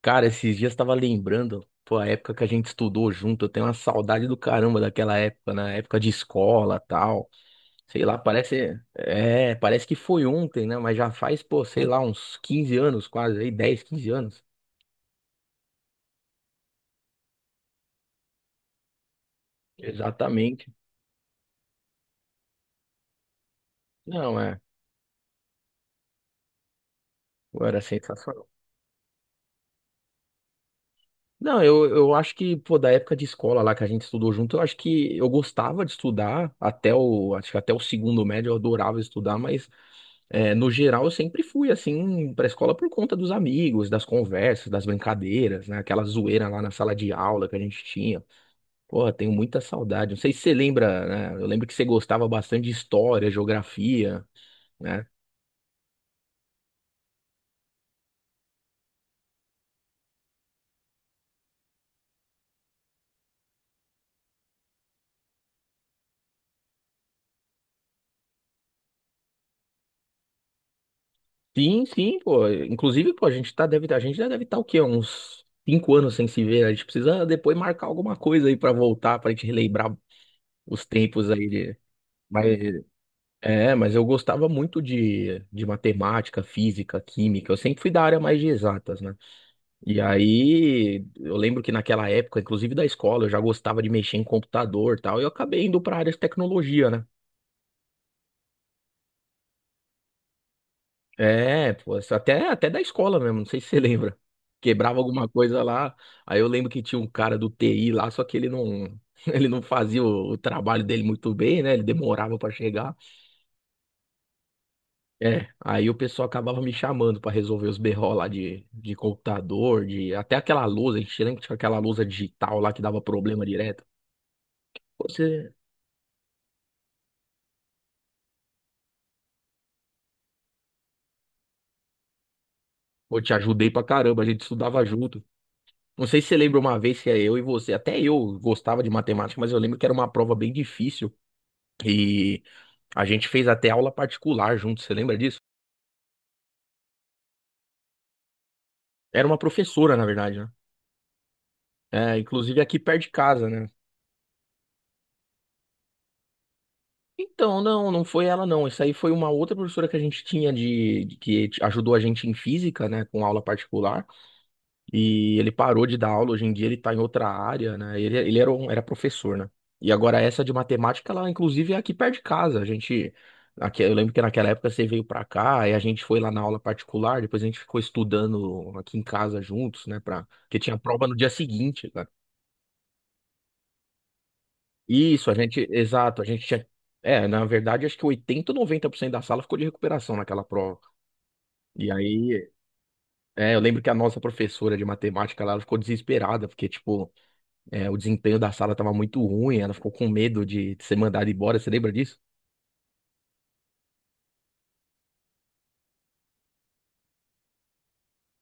Cara, esses dias tava lembrando, pô, a época que a gente estudou junto, eu tenho uma saudade do caramba daquela época, na época de escola, tal. Sei lá, parece que foi ontem, né? Mas já faz, pô, sei lá, uns 15 anos quase, aí 10, 15 anos. Exatamente. Não, é, pô, era sensacional. Não, eu acho que, pô, da época de escola lá que a gente estudou junto, eu acho que eu gostava de estudar até o, acho que até o segundo médio eu adorava estudar, mas, no geral, eu sempre fui assim para a escola por conta dos amigos, das conversas, das brincadeiras, né? Aquela zoeira lá na sala de aula que a gente tinha. Porra, tenho muita saudade. Não sei se você lembra, né? Eu lembro que você gostava bastante de história, geografia, né? Sim, sim, pô. Inclusive, pô, a gente tá, deve, a gente já deve estar o quê? Uns 5 anos sem se ver. A gente precisa depois marcar alguma coisa aí para voltar, pra gente relembrar os tempos aí de. Mas mas eu gostava muito de, matemática, física, química. Eu sempre fui da área mais de exatas, né? E aí, eu lembro que naquela época, inclusive da escola, eu já gostava de mexer em computador e tal. E eu acabei indo para área de tecnologia, né? É, pô, isso até, até da escola mesmo, não sei se você lembra. Quebrava alguma coisa lá. Aí eu lembro que tinha um cara do TI lá, só que ele não, ele não fazia o, trabalho dele muito bem, né? Ele demorava para chegar. É, aí o pessoal acabava me chamando pra resolver os BO lá de computador, de até aquela lousa, a gente lembra que tinha aquela lousa digital lá que dava problema direto. Você, eu te ajudei pra caramba, a gente estudava junto. Não sei se você lembra uma vez que é eu e você, até eu gostava de matemática, mas eu lembro que era uma prova bem difícil e a gente fez até aula particular junto, você lembra disso? Era uma professora, na verdade, né? É, inclusive aqui perto de casa, né? Então, não, não foi ela não. Isso aí foi uma outra professora que a gente tinha de, ajudou a gente em física, né, com aula particular. E ele parou de dar aula, hoje em dia ele tá em outra área, né? Ele era professor, né? E agora essa de matemática, ela inclusive é aqui perto de casa. A gente aqui, eu lembro que naquela época você veio pra cá e a gente foi lá na aula particular, depois a gente ficou estudando aqui em casa juntos, né, para que tinha prova no dia seguinte, né. Isso, a gente, exato, a gente tinha, na verdade, acho que 80 ou noventa por cento da sala ficou de recuperação naquela prova. E aí, eu lembro que a nossa professora de matemática, lá, ela ficou desesperada, porque, tipo, o desempenho da sala tava muito ruim, ela ficou com medo de ser mandada embora, você lembra disso?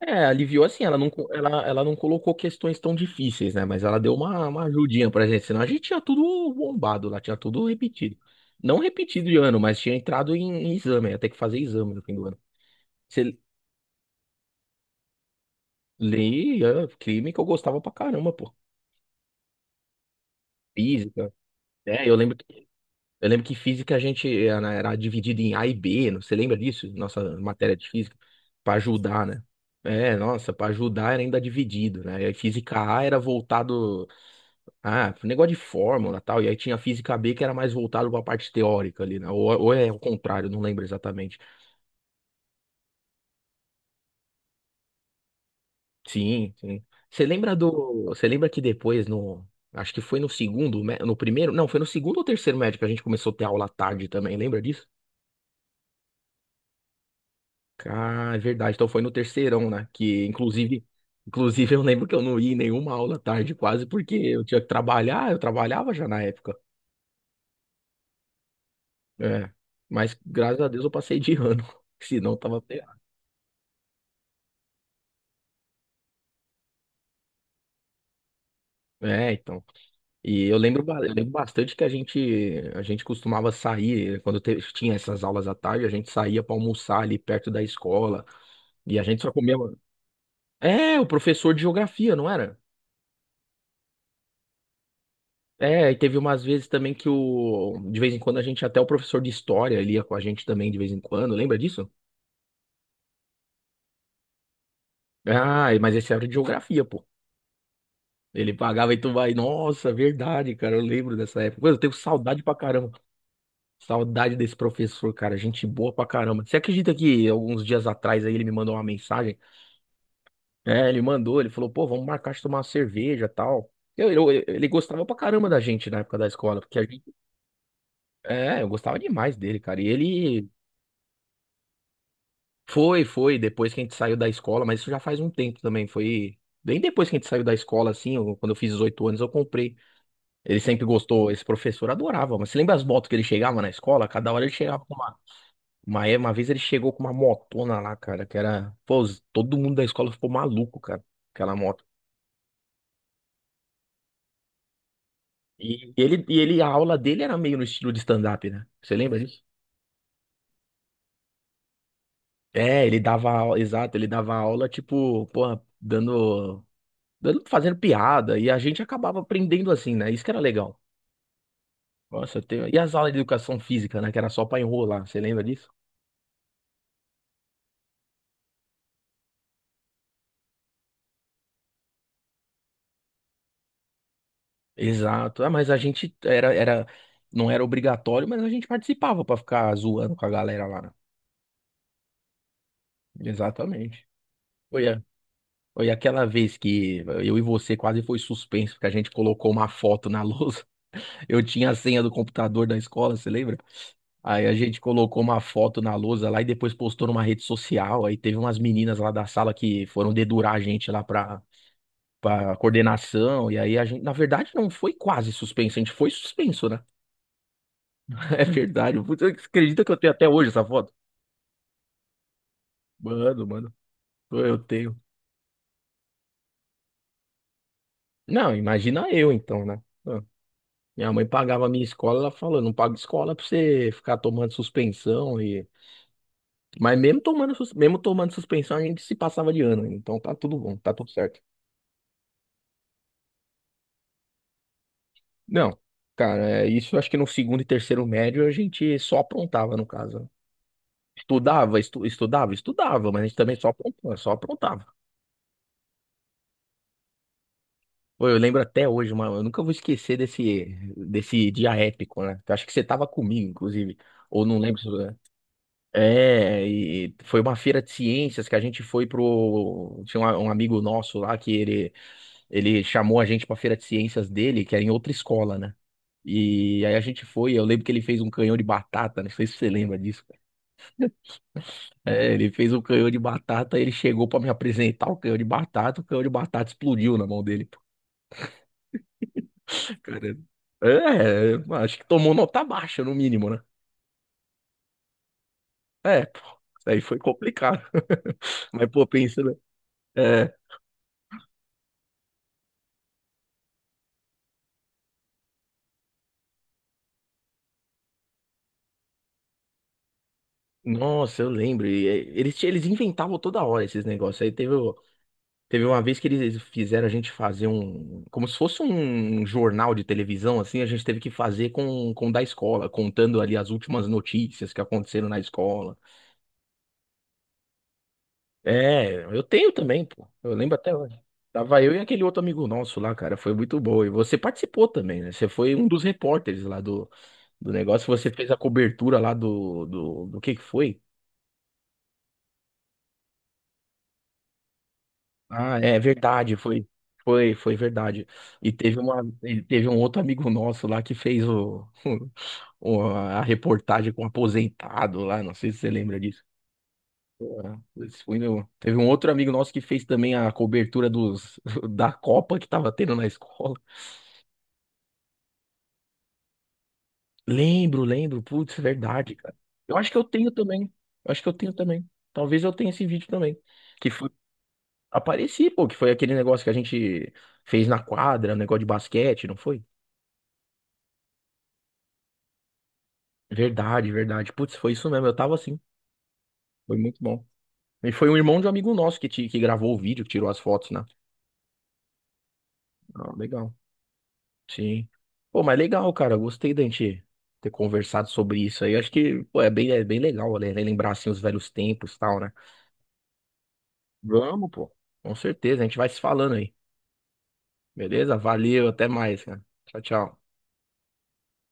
É, aliviou assim, ela não colocou questões tão difíceis, né? Mas ela deu uma ajudinha pra gente, senão a gente tinha tudo bombado lá, tinha tudo repetido. Não repetido de ano, mas tinha entrado em exame, ia ter que fazer exame no fim do ano. Li, crime que eu gostava pra caramba, pô. Física. É, eu lembro que física a gente era dividido em A e B, você lembra disso? Nossa matéria de física. Pra ajudar, né? É, nossa, pra ajudar era ainda dividido, né? E aí física A era voltado. Ah, pro negócio de fórmula e tal. E aí tinha física B que era mais voltado pra parte teórica ali, né? Ou é o contrário, não lembro exatamente. Sim, sim. Você lembra do. Você lembra que depois no. Acho que foi no segundo, mé- no primeiro. Não, foi no segundo ou terceiro médico que a gente começou a ter aula à tarde também, lembra disso? Ah, é verdade. Então foi no terceirão, né? Que inclusive. Inclusive, eu lembro que eu não ia em nenhuma aula à tarde, quase, porque eu tinha que trabalhar, eu trabalhava já na época. É. Mas graças a Deus eu passei de ano. Senão eu tava ferrado. É, então. E eu lembro, eu lembro bastante que a gente costumava sair, quando tinha essas aulas à tarde, a gente saía para almoçar ali perto da escola. E a gente só comia. É, o professor de geografia, não era? É, e teve umas vezes também que o. De vez em quando a gente, até o professor de história ele ia com a gente também de vez em quando, lembra disso? Ah, mas esse era de geografia, pô. Ele pagava e tu vai. Nossa, verdade, cara, eu lembro dessa época. Mano, eu tenho saudade pra caramba. Saudade desse professor, cara. Gente boa pra caramba. Você acredita que alguns dias atrás aí ele me mandou uma mensagem? É, ele mandou, ele falou, pô, vamos marcar de tomar uma cerveja e tal. Ele gostava pra caramba da gente na época da escola, porque a gente. É, eu gostava demais dele, cara. E ele depois que a gente saiu da escola, mas isso já faz um tempo também. Foi bem depois que a gente saiu da escola, assim, quando eu fiz 18 anos, eu comprei. Ele sempre gostou, esse professor adorava, mas você lembra as motos que ele chegava na escola? Cada hora ele chegava. Uma vez ele chegou com uma motona lá, cara, que era. Pô, todo mundo da escola ficou maluco, cara, aquela moto. A aula dele era meio no estilo de stand-up, né? Você lembra disso? É, ele dava aula, exato, ele dava aula, tipo, porra, dando, fazendo piada, e a gente acabava aprendendo assim, né? Isso que era legal. Nossa, eu tenho. E as aulas de educação física, né? Que era só pra enrolar, você lembra disso? Exato. Ah, mas a gente não era obrigatório, mas a gente participava pra ficar zoando com a galera lá, né? Exatamente. Foi, a- foi aquela vez que eu e você quase foi suspenso, porque a gente colocou uma foto na lousa. Eu tinha a senha do computador da escola, você lembra? Aí a gente colocou uma foto na lousa lá e depois postou numa rede social. Aí teve umas meninas lá da sala que foram dedurar a gente lá pra coordenação. E aí a gente, na verdade, não foi quase suspenso, a gente foi suspenso, né? É verdade. Putz, você acredita que eu tenho até hoje essa foto? Mano, mano, eu tenho. Não, imagina eu então, né? Minha mãe pagava a minha escola, ela falou, não paga escola pra você ficar tomando suspensão e. Mas mesmo tomando, suspensão, a gente se passava de ano, então tá tudo bom, tá tudo certo. Não, cara, isso eu acho que no segundo e terceiro médio a gente só aprontava, no caso. Estudava, mas a gente também só aprontava, só aprontava. Pô, eu lembro até hoje, mano, eu nunca vou esquecer desse dia épico, né? Eu acho que você tava comigo, inclusive, ou não lembro. É, e foi uma feira de ciências que a gente foi pro. Tinha um amigo nosso lá que ele chamou a gente pra feira de ciências dele, que era em outra escola, né? E aí a gente foi, eu lembro que ele fez um canhão de batata, não sei se você lembra disso, cara. É, ele fez um canhão de batata, ele chegou pra me apresentar o canhão de batata, o canhão de batata explodiu na mão dele, pô. Cara, é, acho que tomou nota baixa, no mínimo, né? É, pô, isso aí foi complicado. Mas, pô, pensa, né? É. Nossa, eu lembro. E, eles inventavam toda hora esses negócios. Teve uma vez que eles fizeram a gente fazer um. Como se fosse um jornal de televisão, assim. A gente teve que fazer com o da escola, contando ali as últimas notícias que aconteceram na escola. É, eu tenho também, pô. Eu lembro até hoje. Tava eu e aquele outro amigo nosso lá, cara. Foi muito bom. E você participou também, né? Você foi um dos repórteres lá do negócio. Você fez a cobertura lá do que foi? Ah, é verdade, foi verdade. E teve um outro amigo nosso lá que fez o, o- a reportagem com o aposentado lá, não sei se você lembra disso. É, esse teve um outro amigo nosso que fez também a cobertura dos, da Copa que tava tendo na escola. Lembro, lembro, putz, é verdade, cara. Eu acho que eu tenho também. Eu acho que eu tenho também. Talvez eu tenha esse vídeo também. Que foi, apareci, pô, que foi aquele negócio que a gente fez na quadra, um negócio de basquete, não foi? Verdade, verdade. Putz, foi isso mesmo. Eu tava assim. Foi muito bom. E foi um irmão de um amigo nosso que gravou o vídeo, que tirou as fotos, né? Ah, legal. Sim. Pô, mas legal, cara. Gostei da gente ter conversado sobre isso aí. Acho que, pô, é bem legal, né? Lembrar, assim, os velhos tempos e tal, né? Vamos, pô. Com certeza. A gente vai se falando aí. Beleza? Valeu, até mais, cara. Tchau, tchau.